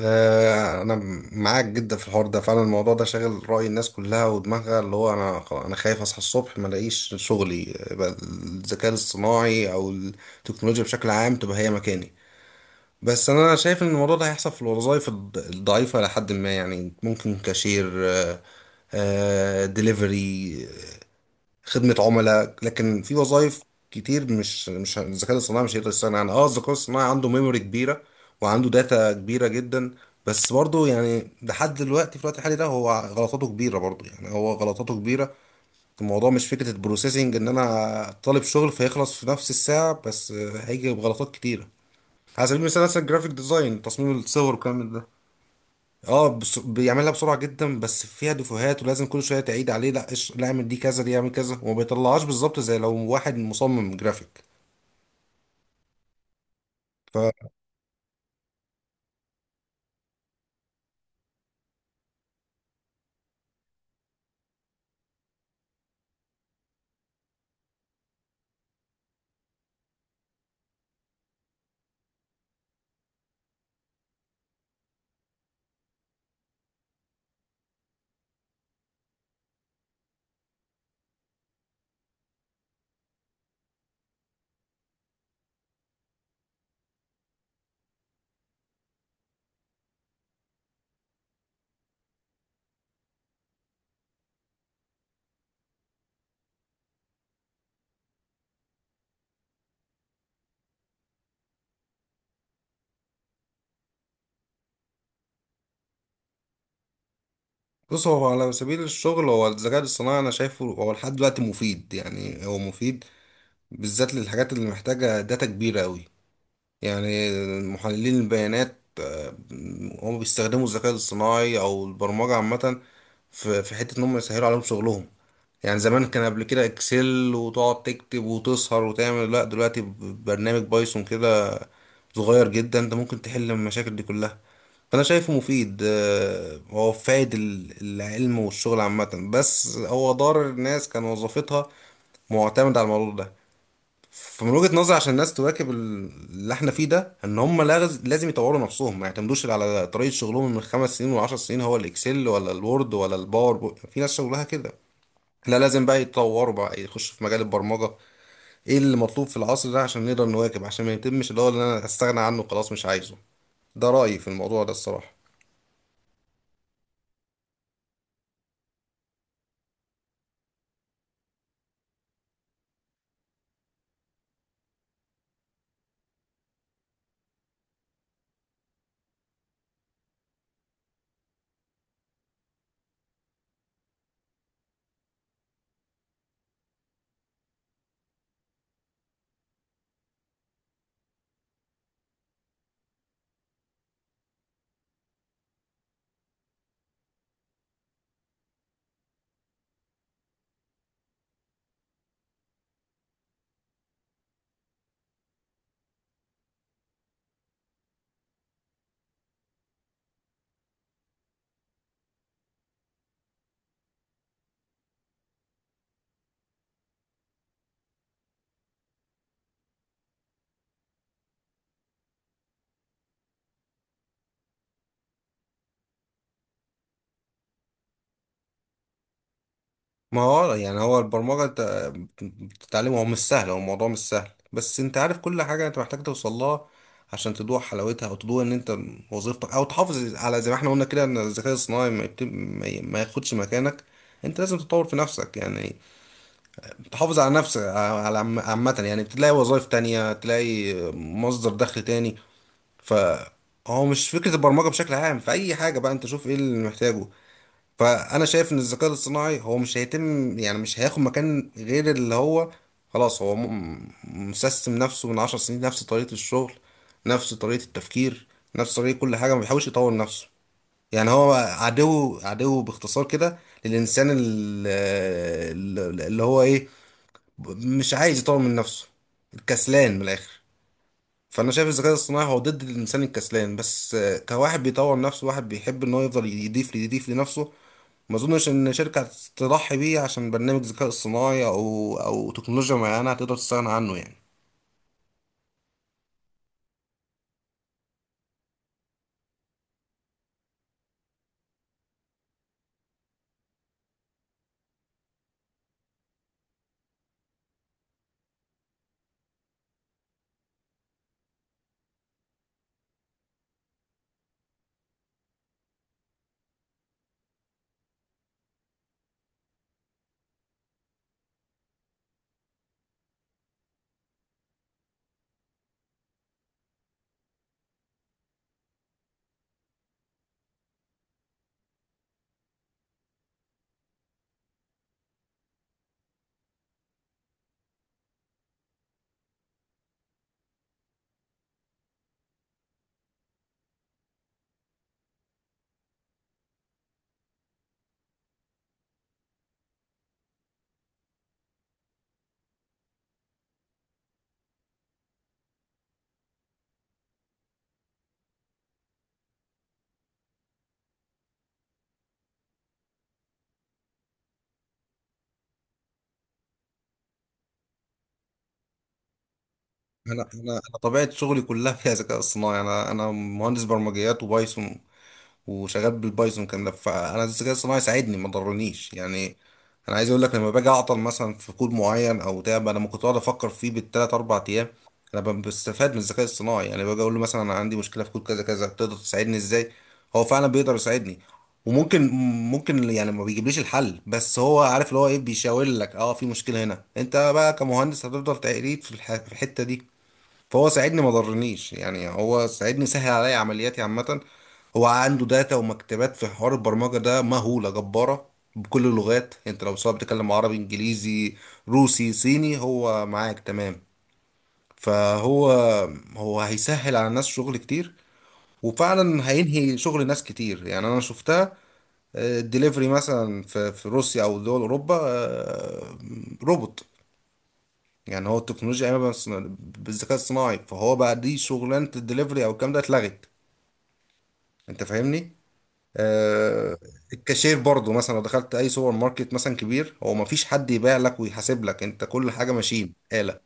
انا معاك جدا في الحوار ده، فعلا الموضوع ده شاغل رأي الناس كلها ودماغها، اللي هو انا خايف اصحى الصبح ما الاقيش شغلي، يبقى الذكاء الاصطناعي او التكنولوجيا بشكل عام تبقى هي مكاني. بس انا شايف ان الموضوع ده هيحصل في الوظائف الضعيفة، لحد ما يعني ممكن كاشير، ديليفري، خدمة عملاء. لكن في وظائف كتير مش الذكاء الاصطناعي مش هيقدر يستغنى عنها. اه، الذكاء الاصطناعي عنده ميموري كبيرة وعنده داتا كبيرة جدا، بس برضه يعني لحد دلوقتي في الوقت الحالي ده هو غلطاته كبيرة، برضه يعني هو غلطاته كبيرة. الموضوع مش فكرة البروسيسنج ان انا طالب شغل فيخلص في نفس الساعة، بس هيجي بغلطات كتيرة. على سبيل المثال مثلا الجرافيك ديزاين، تصميم الصور والكلام من ده، اه بس بيعملها بسرعه جدا، بس فيها دفوهات ولازم كل شويه تعيد عليه، لا لا اعمل دي كذا، دي اعمل كذا، وما بيطلعهاش بالظبط زي لو واحد مصمم جرافيك. فبص، هو على سبيل الشغل، هو الذكاء الاصطناعي انا شايفه هو لحد دلوقتي مفيد، يعني هو مفيد بالذات للحاجات اللي محتاجه داتا كبيره قوي. يعني محللين البيانات هم بيستخدموا الذكاء الاصطناعي او البرمجه عامه في حته ان هم يسهلوا عليهم شغلهم. يعني زمان كان قبل كده اكسل، وتقعد تكتب وتسهر وتعمل، لا دلوقتي برنامج بايثون كده صغير جدا انت ممكن تحل المشاكل دي كلها. فانا شايفه مفيد، هو فايد العلم والشغل عامة، بس هو ضرر الناس كان وظيفتها معتمد على الموضوع ده. فمن وجهة نظري، عشان الناس تواكب اللي احنا فيه ده، ان هم لازم يطوروا نفسهم، ما يعتمدوش على طريقة شغلهم من 5 سنين وعشر سنين، هو الاكسل ولا الوورد ولا في ناس شغلها كده. لا، لازم بقى يتطوروا، بقى يخشوا في مجال البرمجة، ايه اللي مطلوب في العصر ده عشان نقدر نواكب، عشان ما يتمش اللي هو اللي انا استغنى عنه خلاص مش عايزه. ده رأيي في الموضوع ده الصراحة. ما هو يعني هو البرمجة انت بتتعلمه، هو مش سهل، هو الموضوع مش سهل، بس انت عارف كل حاجة انت محتاج توصل لها عشان تدوق حلاوتها، او تدوق ان انت وظيفتك او تحافظ على، زي ما احنا قلنا كده، ان الذكاء الصناعي ما, يبت... ما ي- ما ياخدش مكانك. انت لازم تطور في نفسك يعني، تحافظ على نفسك، على عامة يعني، تلاقي وظائف تانية، تلاقي مصدر دخل تاني. ف هو مش فكرة البرمجة بشكل عام، في أي حاجة بقى أنت شوف إيه اللي محتاجه. فأنا شايف إن الذكاء الاصطناعي هو مش هيتم يعني، مش هياخد مكان غير اللي هو خلاص هو مسيستم نفسه من 10 سنين، نفس طريقة الشغل، نفس طريقة التفكير، نفس طريقة كل حاجة، ما بيحاولش يطور نفسه. يعني هو عدو عدو باختصار كده للإنسان ال- ال- اللي هو إيه مش عايز يطور من نفسه، الكسلان من الاخر. فانا شايف الذكاء الاصطناعي هو ضد الانسان الكسلان، بس كواحد بيطور نفسه، واحد بيحب ان هو يفضل يضيف يضيف لنفسه، ما اظنش ان شركه تضحي بيه عشان برنامج ذكاء اصطناعي او تكنولوجيا معينه هتقدر تستغنى عنه يعني. انا طبيعه شغلي كلها فيها ذكاء اصطناعي، انا مهندس برمجيات وبايثون وشغال بالبايثون كان ده. فانا الذكاء الصناعي ساعدني، ما ضرنيش يعني. انا عايز اقول لك لما باجي اعطل مثلا في كود معين او تعب، انا ممكن اقعد افكر فيه بالثلاث اربع ايام، انا بستفاد من الذكاء الصناعي. يعني باجي اقول له مثلا انا عندي مشكله في كود كذا كذا، تقدر تساعدني ازاي؟ هو فعلا بيقدر يساعدني. وممكن يعني ما بيجيبليش الحل، بس هو عارف اللي هو ايه، بيشاور لك، اه في مشكله هنا، انت بقى كمهندس هتفضل تعيد في الحته دي. فهو ساعدني ما ضرنيش يعني، هو ساعدني سهل عليا عملياتي عامة. هو عنده داتا ومكتبات في حوار البرمجة ده مهولة جبارة بكل اللغات، انت لو سواء بتتكلم عربي، انجليزي، روسي، صيني، هو معاك تمام. فهو هو هيسهل على الناس شغل كتير، وفعلا هينهي شغل ناس كتير يعني. انا شفتها الدليفري مثلا في روسيا او دول اوروبا، روبوت، يعني هو التكنولوجيا قايمه بالذكاء الصناعي، فهو بقى دي شغلانه الدليفري او الكلام ده اتلغت، انت فاهمني؟ آه. الكاشير برضو مثلا، لو دخلت اي سوبر ماركت مثلا كبير، هو ما فيش حد يبيع لك ويحاسب لك، انت كل حاجه ماشين آلة.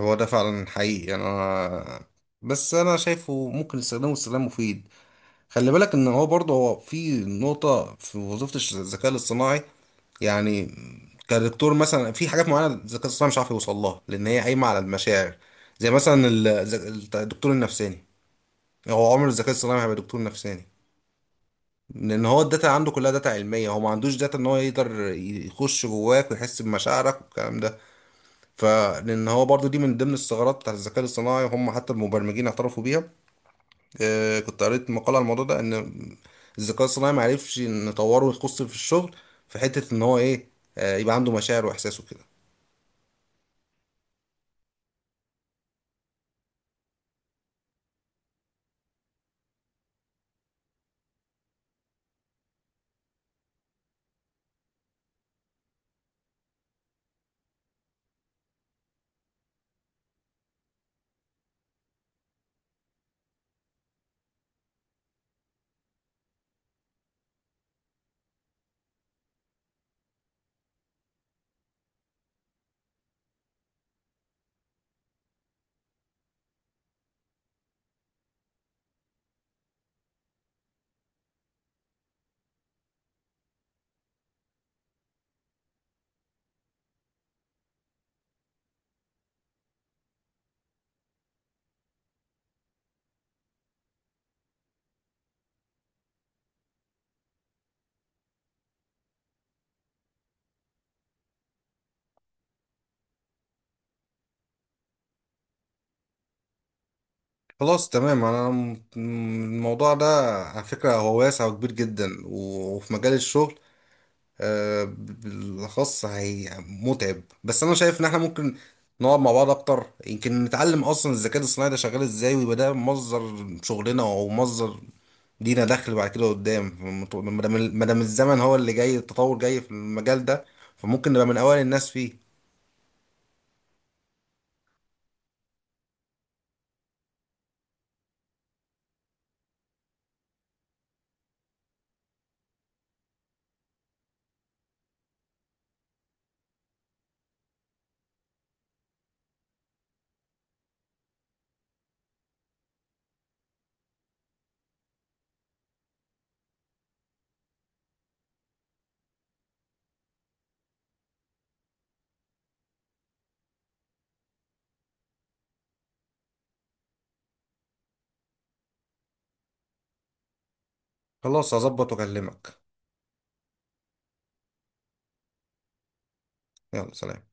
هو ده فعلا حقيقي يعني، انا بس انا شايفه ممكن استخدامه استخدام مفيد. خلي بالك ان هو برضه هو في نقطة في وظيفة الذكاء الاصطناعي، يعني كدكتور مثلا في حاجات معينة الذكاء الاصطناعي مش عارف يوصل لها لان هي قايمة على المشاعر. زي مثلا الدكتور النفساني، هو عمر الذكاء الاصطناعي ما هيبقى دكتور نفساني، لان هو الداتا عنده كلها داتا علمية، هو ما عندوش داتا ان هو يقدر يخش جواك ويحس بمشاعرك والكلام ده. فلان هو برضه دي من ضمن الثغرات بتاعت الذكاء الاصطناعي، هم حتى المبرمجين اعترفوا بيها. كنت قريت مقالة على الموضوع ده ان الذكاء الصناعي معرفش نطوره ويخص في الشغل في حتة ان هو ايه، يبقى عنده مشاعر واحساس وكده. خلاص تمام، انا الموضوع ده على فكرة هو واسع وكبير جدا، وفي مجال الشغل بالاخص هي متعب. بس انا شايف ان احنا ممكن نقعد مع بعض اكتر، يمكن نتعلم اصلا الذكاء الاصطناعي ده شغال ازاي، ويبقى ده مصدر شغلنا او مصدر لينا دخل بعد كده قدام، ما دام ما دام الزمن هو اللي جاي التطور جاي في المجال ده، فممكن نبقى من اوائل الناس فيه. خلاص، هظبط واكلمك. يلا، سلام.